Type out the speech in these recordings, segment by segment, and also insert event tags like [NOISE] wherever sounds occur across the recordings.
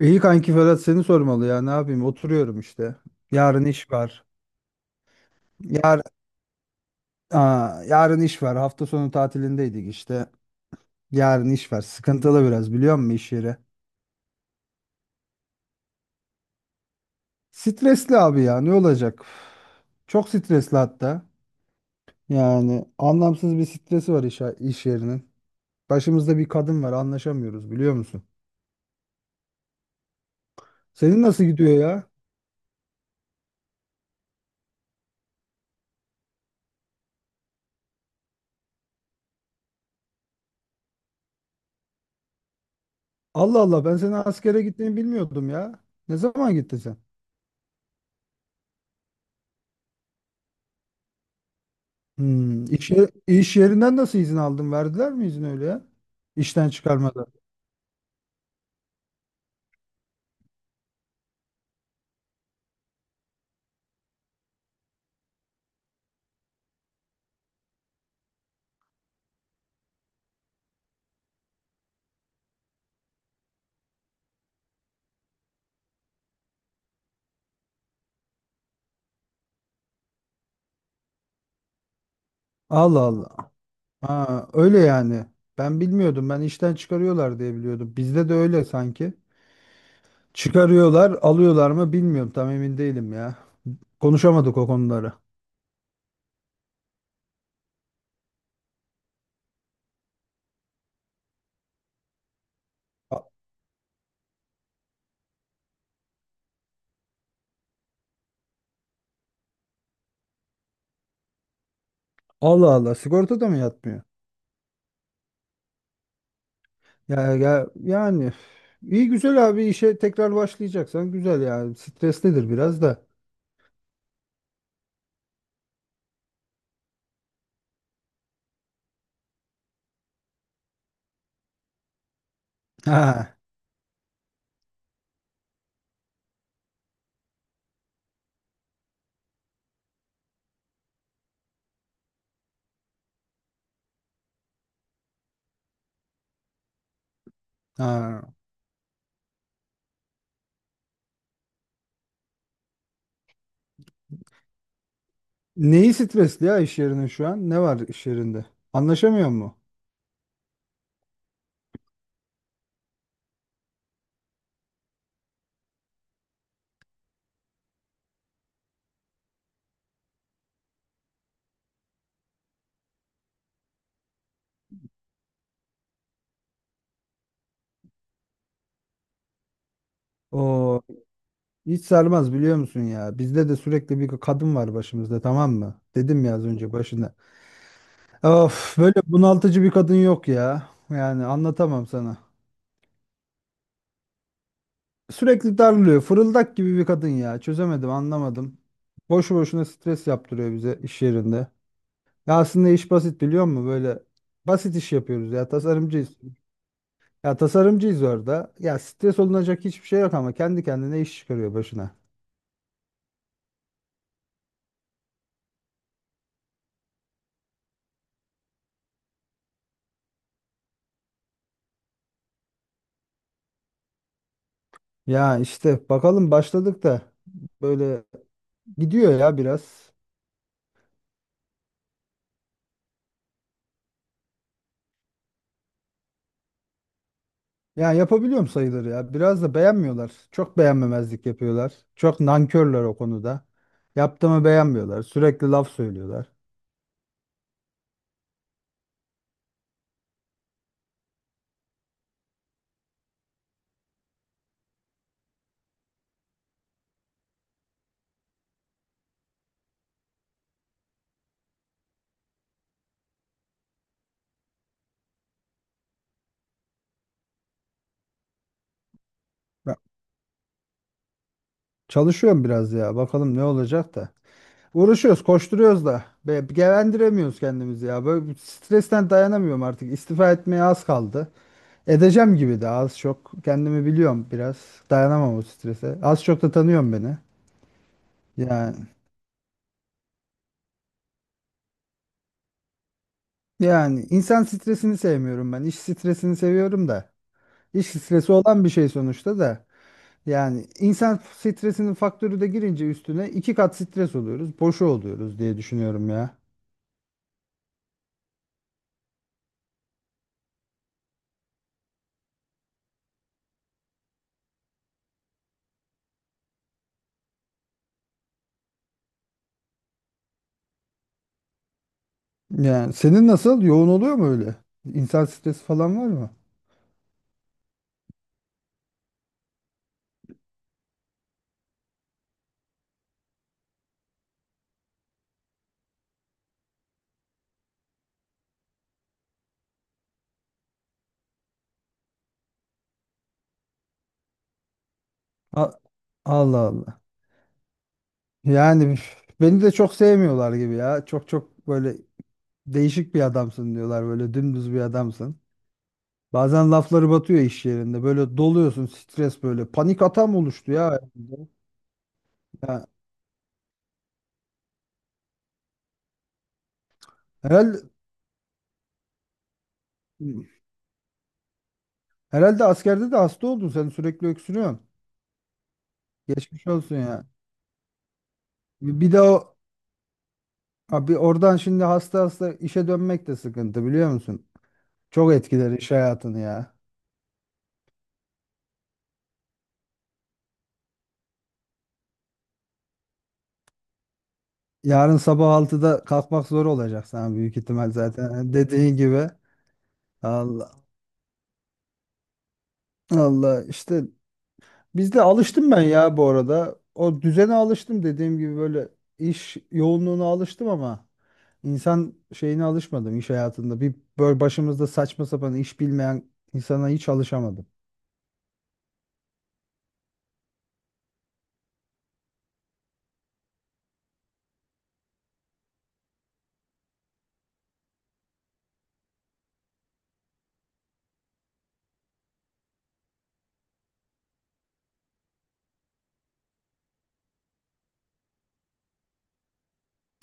İyi kanki Ferhat, seni sormalı ya, ne yapayım oturuyorum işte. Yarın iş var. Yar, Yarın iş var. Hafta sonu tatilindeydik işte. Yarın iş var. Sıkıntılı biraz, biliyor musun iş yeri? Stresli abi ya, ne olacak? Çok stresli hatta. Yani anlamsız bir stresi var iş yerinin. Başımızda bir kadın var, anlaşamıyoruz biliyor musun? Senin nasıl gidiyor ya? Allah Allah, ben senin askere gittiğini bilmiyordum ya. Ne zaman gittin sen? İş yerinden nasıl izin aldın? Verdiler mi izin öyle ya? İşten çıkarmadan. Allah Allah. Ha, öyle yani. Ben bilmiyordum. Ben işten çıkarıyorlar diye biliyordum. Bizde de öyle sanki. Çıkarıyorlar, alıyorlar mı bilmiyorum. Tam emin değilim ya. Konuşamadık o konuları. A- Allah Allah. Sigorta da mı yatmıyor? Ya, ya yani iyi güzel abi, işe tekrar başlayacaksan güzel yani. Streslidir biraz da. Ha, ha. Neyi stresli ya iş yerinin şu an? Ne var iş yerinde? Anlaşamıyor mu? O hiç sarmaz biliyor musun ya? Bizde de sürekli bir kadın var başımızda, tamam mı? Dedim ya az önce başında. Of, böyle bunaltıcı bir kadın yok ya. Yani anlatamam sana. Sürekli darlıyor. Fırıldak gibi bir kadın ya. Çözemedim, anlamadım. Boşu boşuna stres yaptırıyor bize iş yerinde. Ya aslında iş basit biliyor musun? Böyle basit iş yapıyoruz ya. Tasarımcıyız. Ya tasarımcıyız orada. Ya stres olunacak hiçbir şey yok, ama kendi kendine iş çıkarıyor başına. Ya işte bakalım, başladık da böyle gidiyor ya biraz. Ya yapabiliyorum sayıları ya. Biraz da beğenmiyorlar. Çok beğenmemezlik yapıyorlar. Çok nankörler o konuda. Yaptığımı beğenmiyorlar. Sürekli laf söylüyorlar. Ya çalışıyorum biraz ya. Bakalım ne olacak da. Uğraşıyoruz, koşturuyoruz da. Be gevendiremiyoruz kendimizi ya. Böyle bir stresten dayanamıyorum artık. İstifa etmeye az kaldı. Edeceğim gibi de az çok. Kendimi biliyorum biraz. Dayanamam o strese. Az çok da tanıyorum beni. Yani, yani insan stresini sevmiyorum ben. İş stresini seviyorum da. İş stresi olan bir şey sonuçta da. Yani insan stresinin faktörü de girince üstüne iki kat stres oluyoruz. Boşu oluyoruz diye düşünüyorum ya. Yani senin nasıl? Yoğun oluyor mu öyle? İnsan stresi falan var mı? A- Allah Allah. Yani beni de çok sevmiyorlar gibi ya. Çok böyle değişik bir adamsın diyorlar, böyle dümdüz bir adamsın. Bazen lafları batıyor iş yerinde. Böyle doluyorsun stres böyle. Panik atam oluştu ya, herhalde. Ya, herhalde, herhalde askerde de hasta oldun, sen sürekli öksürüyorsun. Geçmiş olsun ya. Bir de o abi, oradan şimdi hasta hasta işe dönmek de sıkıntı biliyor musun? Çok etkiler iş hayatını ya. Yarın sabah altıda kalkmak zor olacak sana büyük ihtimal zaten. Dediğin gibi. Allah Allah işte, bizde alıştım ben ya bu arada. O düzene alıştım dediğim gibi, böyle iş yoğunluğuna alıştım ama insan şeyine alışmadım iş hayatında. Bir böyle başımızda saçma sapan iş bilmeyen insana hiç alışamadım.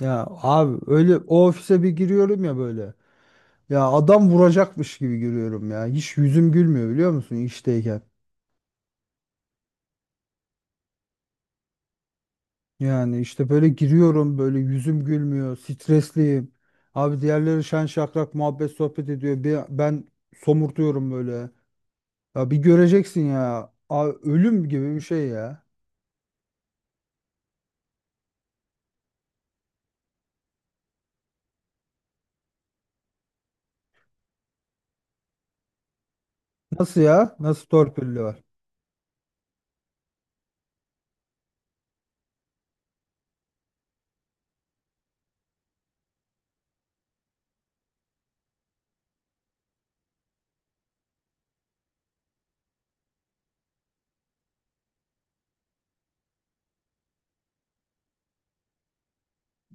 Ya abi, öyle o ofise bir giriyorum ya böyle. Ya adam vuracakmış gibi giriyorum ya. Hiç yüzüm gülmüyor biliyor musun işteyken. Yani işte böyle giriyorum, böyle yüzüm gülmüyor. Stresliyim. Abi diğerleri şen şakrak muhabbet sohbet ediyor. Ben somurtuyorum böyle. Ya bir göreceksin ya. Abi ölüm gibi bir şey ya. Nasıl ya? Nasıl torpilli var?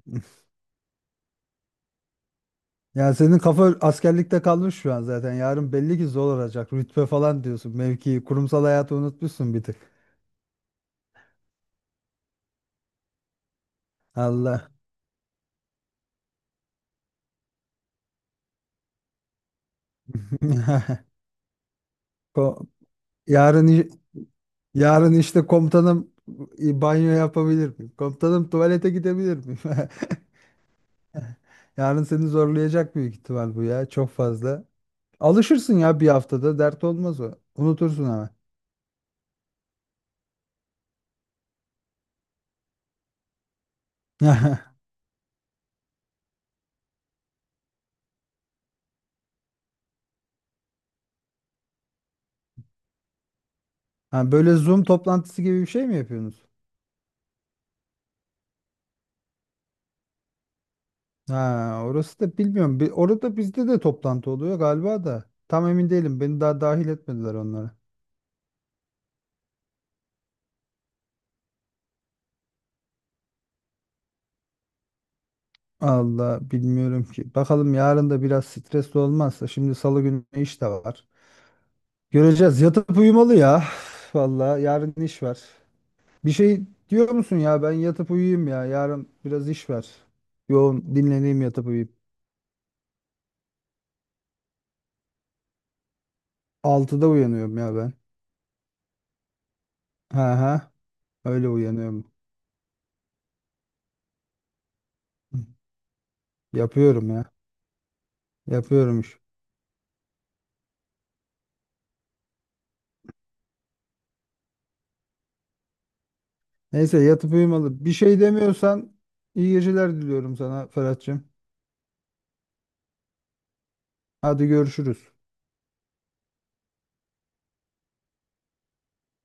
[LAUGHS] Yani senin kafa askerlikte kalmış şu an zaten. Yarın belli ki zor olacak. Rütbe falan diyorsun. Mevki, kurumsal hayatı unutmuşsun bir tık. Allah. [LAUGHS] Ko- Yarın i- Yarın işte komutanım, banyo yapabilir miyim? Komutanım tuvalete gidebilir miyim? [LAUGHS] Yarın seni zorlayacak büyük ihtimal bu ya. Çok fazla. Alışırsın ya bir haftada. Dert olmaz o. Unutursun ama. [LAUGHS] Ha, böyle Zoom toplantısı gibi bir şey mi yapıyorsunuz? Ha, orası da bilmiyorum. Bir, orada bizde de toplantı oluyor galiba da. Tam emin değilim. Beni daha dahil etmediler onlara. Allah bilmiyorum ki. Bakalım yarın da biraz stresli olmazsa. Şimdi salı günü iş de var. Göreceğiz. Yatıp uyumalı ya. [SIGHS] Vallahi yarın iş var. Bir şey diyor musun ya? Ben yatıp uyuyayım ya. Yarın biraz iş var. Yoğun dinleneyim, yatıp uyuyayım. 6'da uyanıyorum ya ben. Ha ha. Öyle uyanıyorum. Hı, yapıyorum ya. Yapıyormuş. Neyse yatıp uyumalı. Bir şey demiyorsan iyi geceler diliyorum sana Ferhat'cığım. Hadi görüşürüz.